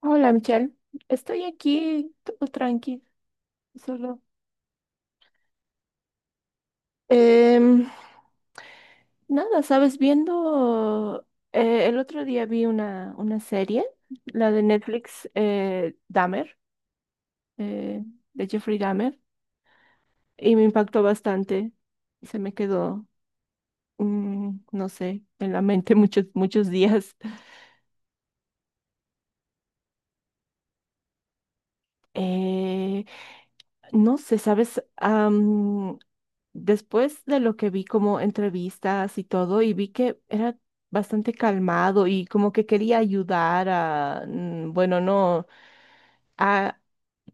Hola Michelle, estoy aquí todo tranquilo, solo. Em, Nada, sabes, viendo el otro día vi una serie, la de Netflix, Dahmer, eh, de Jeffrey Dahmer, y me impactó bastante. Se me quedó, no sé, en la mente muchos, muchos días. Eh, no sé, ¿sabes? Después de lo que vi como entrevistas y todo, y vi que era bastante calmado y como que quería ayudar a, bueno, no, a,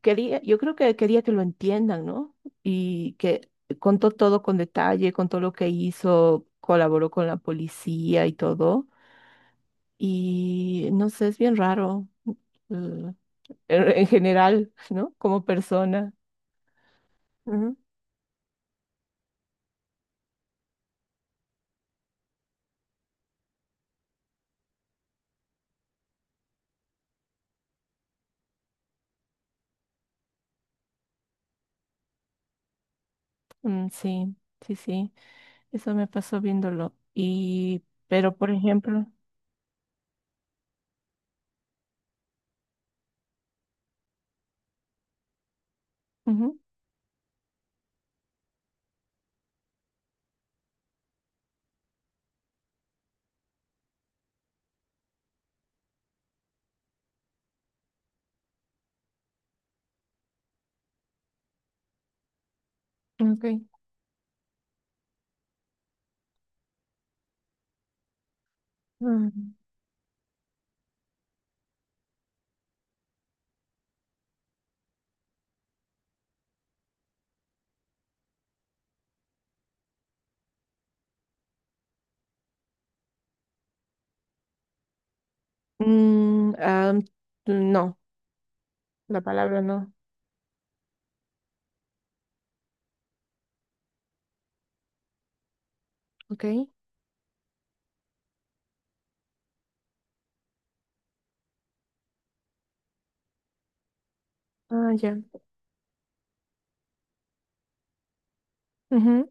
quería, yo creo que quería que lo entiendan, ¿no? Y que contó todo con detalle, contó lo que hizo, colaboró con la policía y todo. Y no sé, es bien raro, eh, en general, ¿no? Como persona. Ujú. Mm, sí, sí, sí, eso me pasó viéndolo. Y, pero por ejemplo, ujú, ok. Mm. Mm, ah, no, la palabra no. Ok. Ah, ya. Ujú.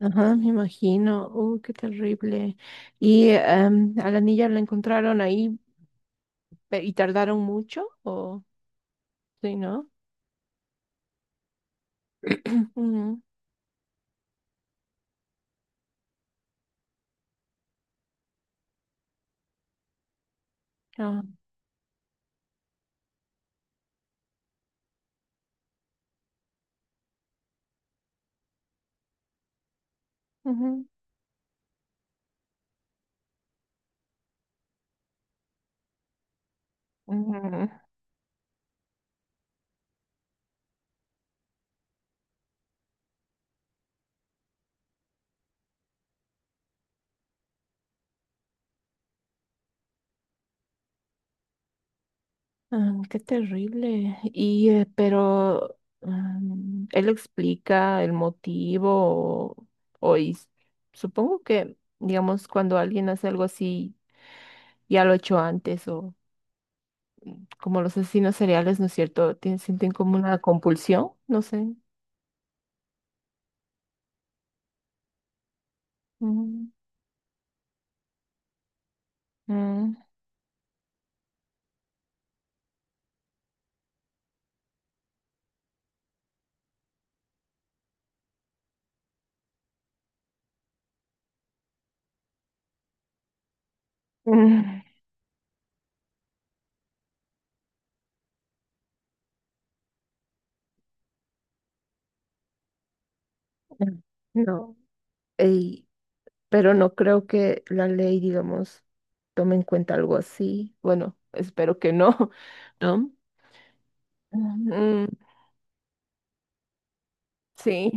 Ajá, me imagino. Qué terrible. ¿Y a la niña la encontraron ahí y tardaron mucho? ¿O sí, no? Ujú. Ah, ujú. Ujú. Ah, qué terrible. Y él explica el motivo o, o supongo que, digamos, cuando alguien hace algo así, ya lo ha hecho antes o como los asesinos seriales, ¿no es cierto? Sienten como una compulsión, no sé. Mm, mm, mm. No, ey, pero no creo que la ley, digamos, tome en cuenta algo así. Bueno, espero que no, ¿no? Mm, sí,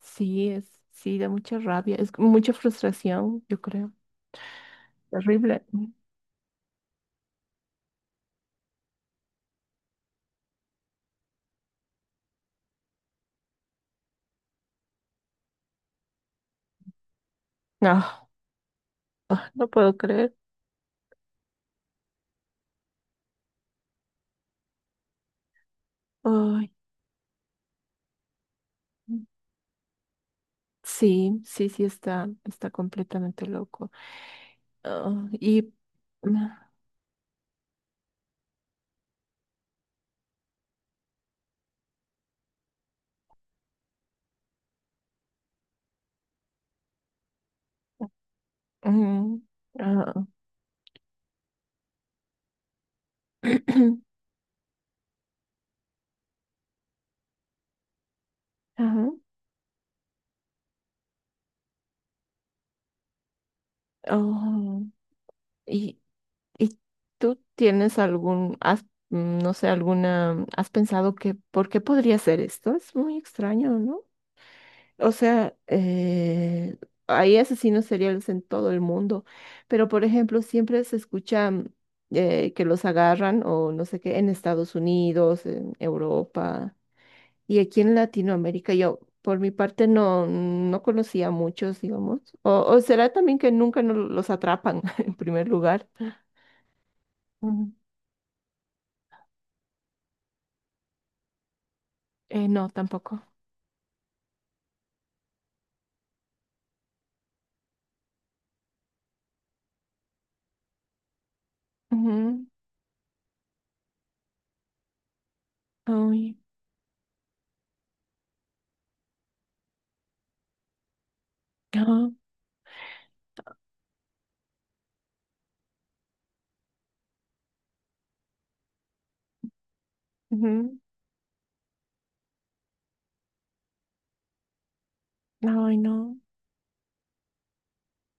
sí, es, sí, da mucha rabia, es mucha frustración, yo creo. Terrible. No, ah, no puedo creer. Ay, sí, sí, sí, está completamente loco. Ah, y mm, ah, ajá. Oh, y, y tú tienes algún, has, mm, no sé, has pensado que, ¿por qué podría ser esto? Es muy extraño, ¿no? O sea, hay asesinos seriales en todo el mundo, pero por ejemplo, siempre se escucha que los agarran o no sé qué en Estados Unidos, en Europa y aquí en Latinoamérica. Yo, por mi parte, no, no conocía muchos, digamos. O será también que nunca no los atrapan en primer lugar. Ujú. No, tampoco. Ujú. Ay, ah, ujú. Ay, no.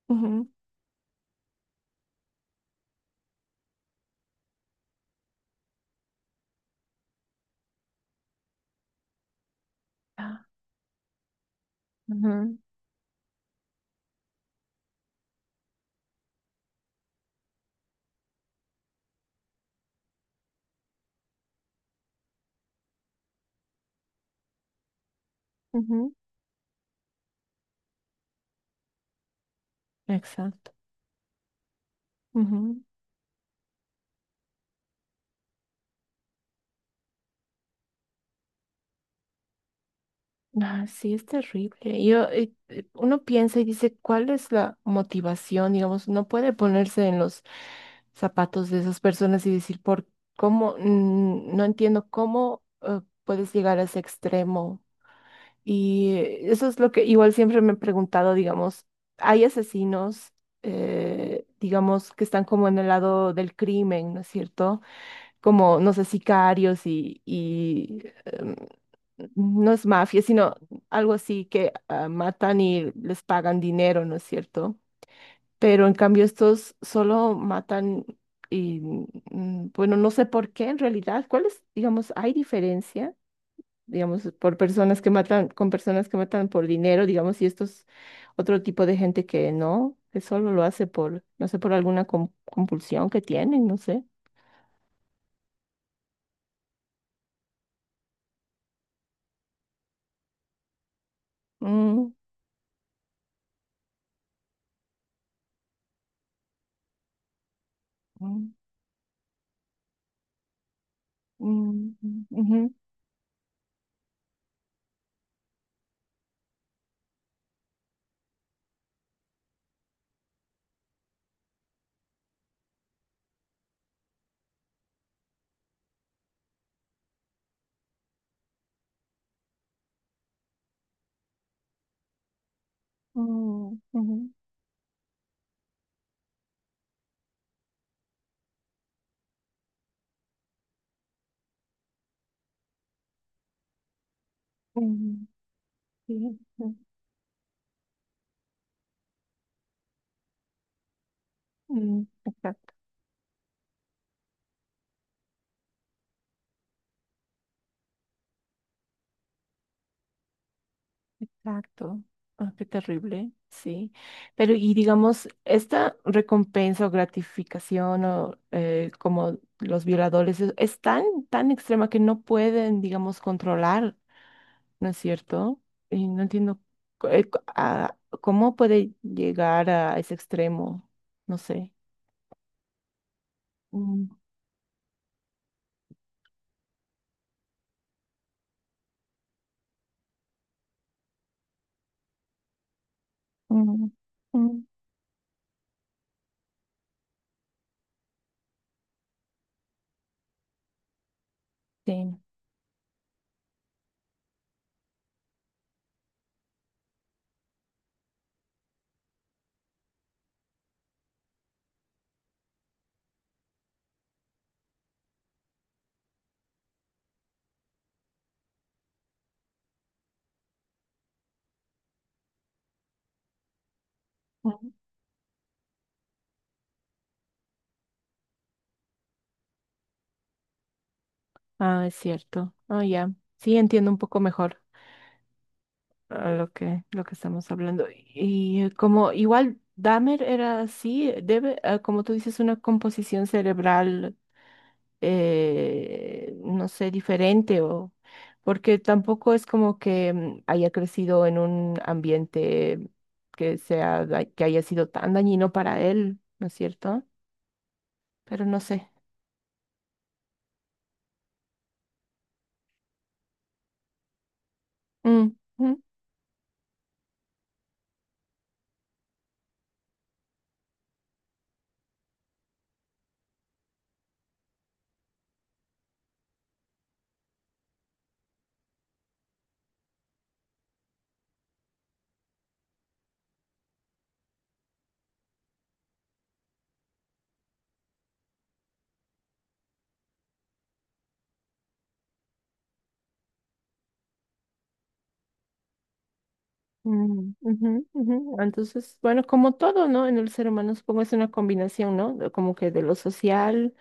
Ujú. Ah, ujú, ujú. Exacto. Ujú. Ah, sí, es terrible. Yo, uno piensa y dice, ¿cuál es la motivación? Digamos, no puede ponerse en los zapatos de esas personas y decir, ¿por cómo? No entiendo cómo puedes llegar a ese extremo. Y eso es lo que igual siempre me he preguntado, digamos, hay asesinos, digamos, que están como en el lado del crimen, ¿no es cierto? Como, no sé, sicarios y no es mafia, sino algo así que ah, matan y les pagan dinero, ¿no es cierto? Pero en cambio estos solo matan y, bueno, no sé por qué en realidad, ¿cuál es, digamos, hay diferencia? Digamos, por personas que matan, con personas que matan por dinero, digamos, y estos otro tipo de gente que no, que solo lo hace por, no sé, por alguna compulsión que tienen, no sé. Mm, mm, mm, ujú, mm, ujú, mm, sí, mm, mm, exacto, exacto. Ah, qué terrible, sí. Pero y digamos, esta recompensa o gratificación o como los violadores es tan extrema que no pueden, digamos, controlar, ¿no es cierto? Y no entiendo cu- eh, cu- a- cómo puede llegar a ese extremo, no sé. Mm, mm, mm, sí. Ah, es cierto. Ah, ya. Sí, entiendo un poco mejor ah, lo que estamos hablando. Y como igual Dahmer era así, debe, ah, como tú dices, una composición cerebral, no sé, diferente o porque tampoco es como que haya crecido en un ambiente que sea, que haya sido tan dañino para él, ¿no es cierto? Pero no sé. Mm, mm, ujú, ujú. Entonces, bueno, como todo, ¿no? En el ser humano supongo es una combinación, ¿no? De... Como que de lo social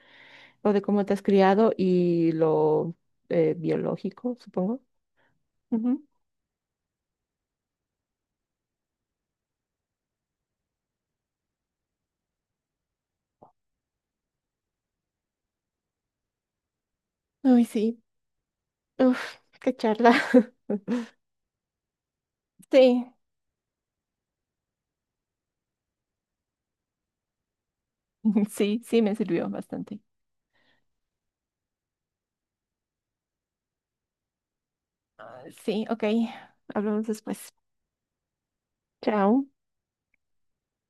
o de cómo te has criado y lo biológico, supongo. Ujú. Ay, sí. Uf, qué charla. Sí, sí, sí me sirvió bastante. Ah, sí, ok. Hablamos después. Chao.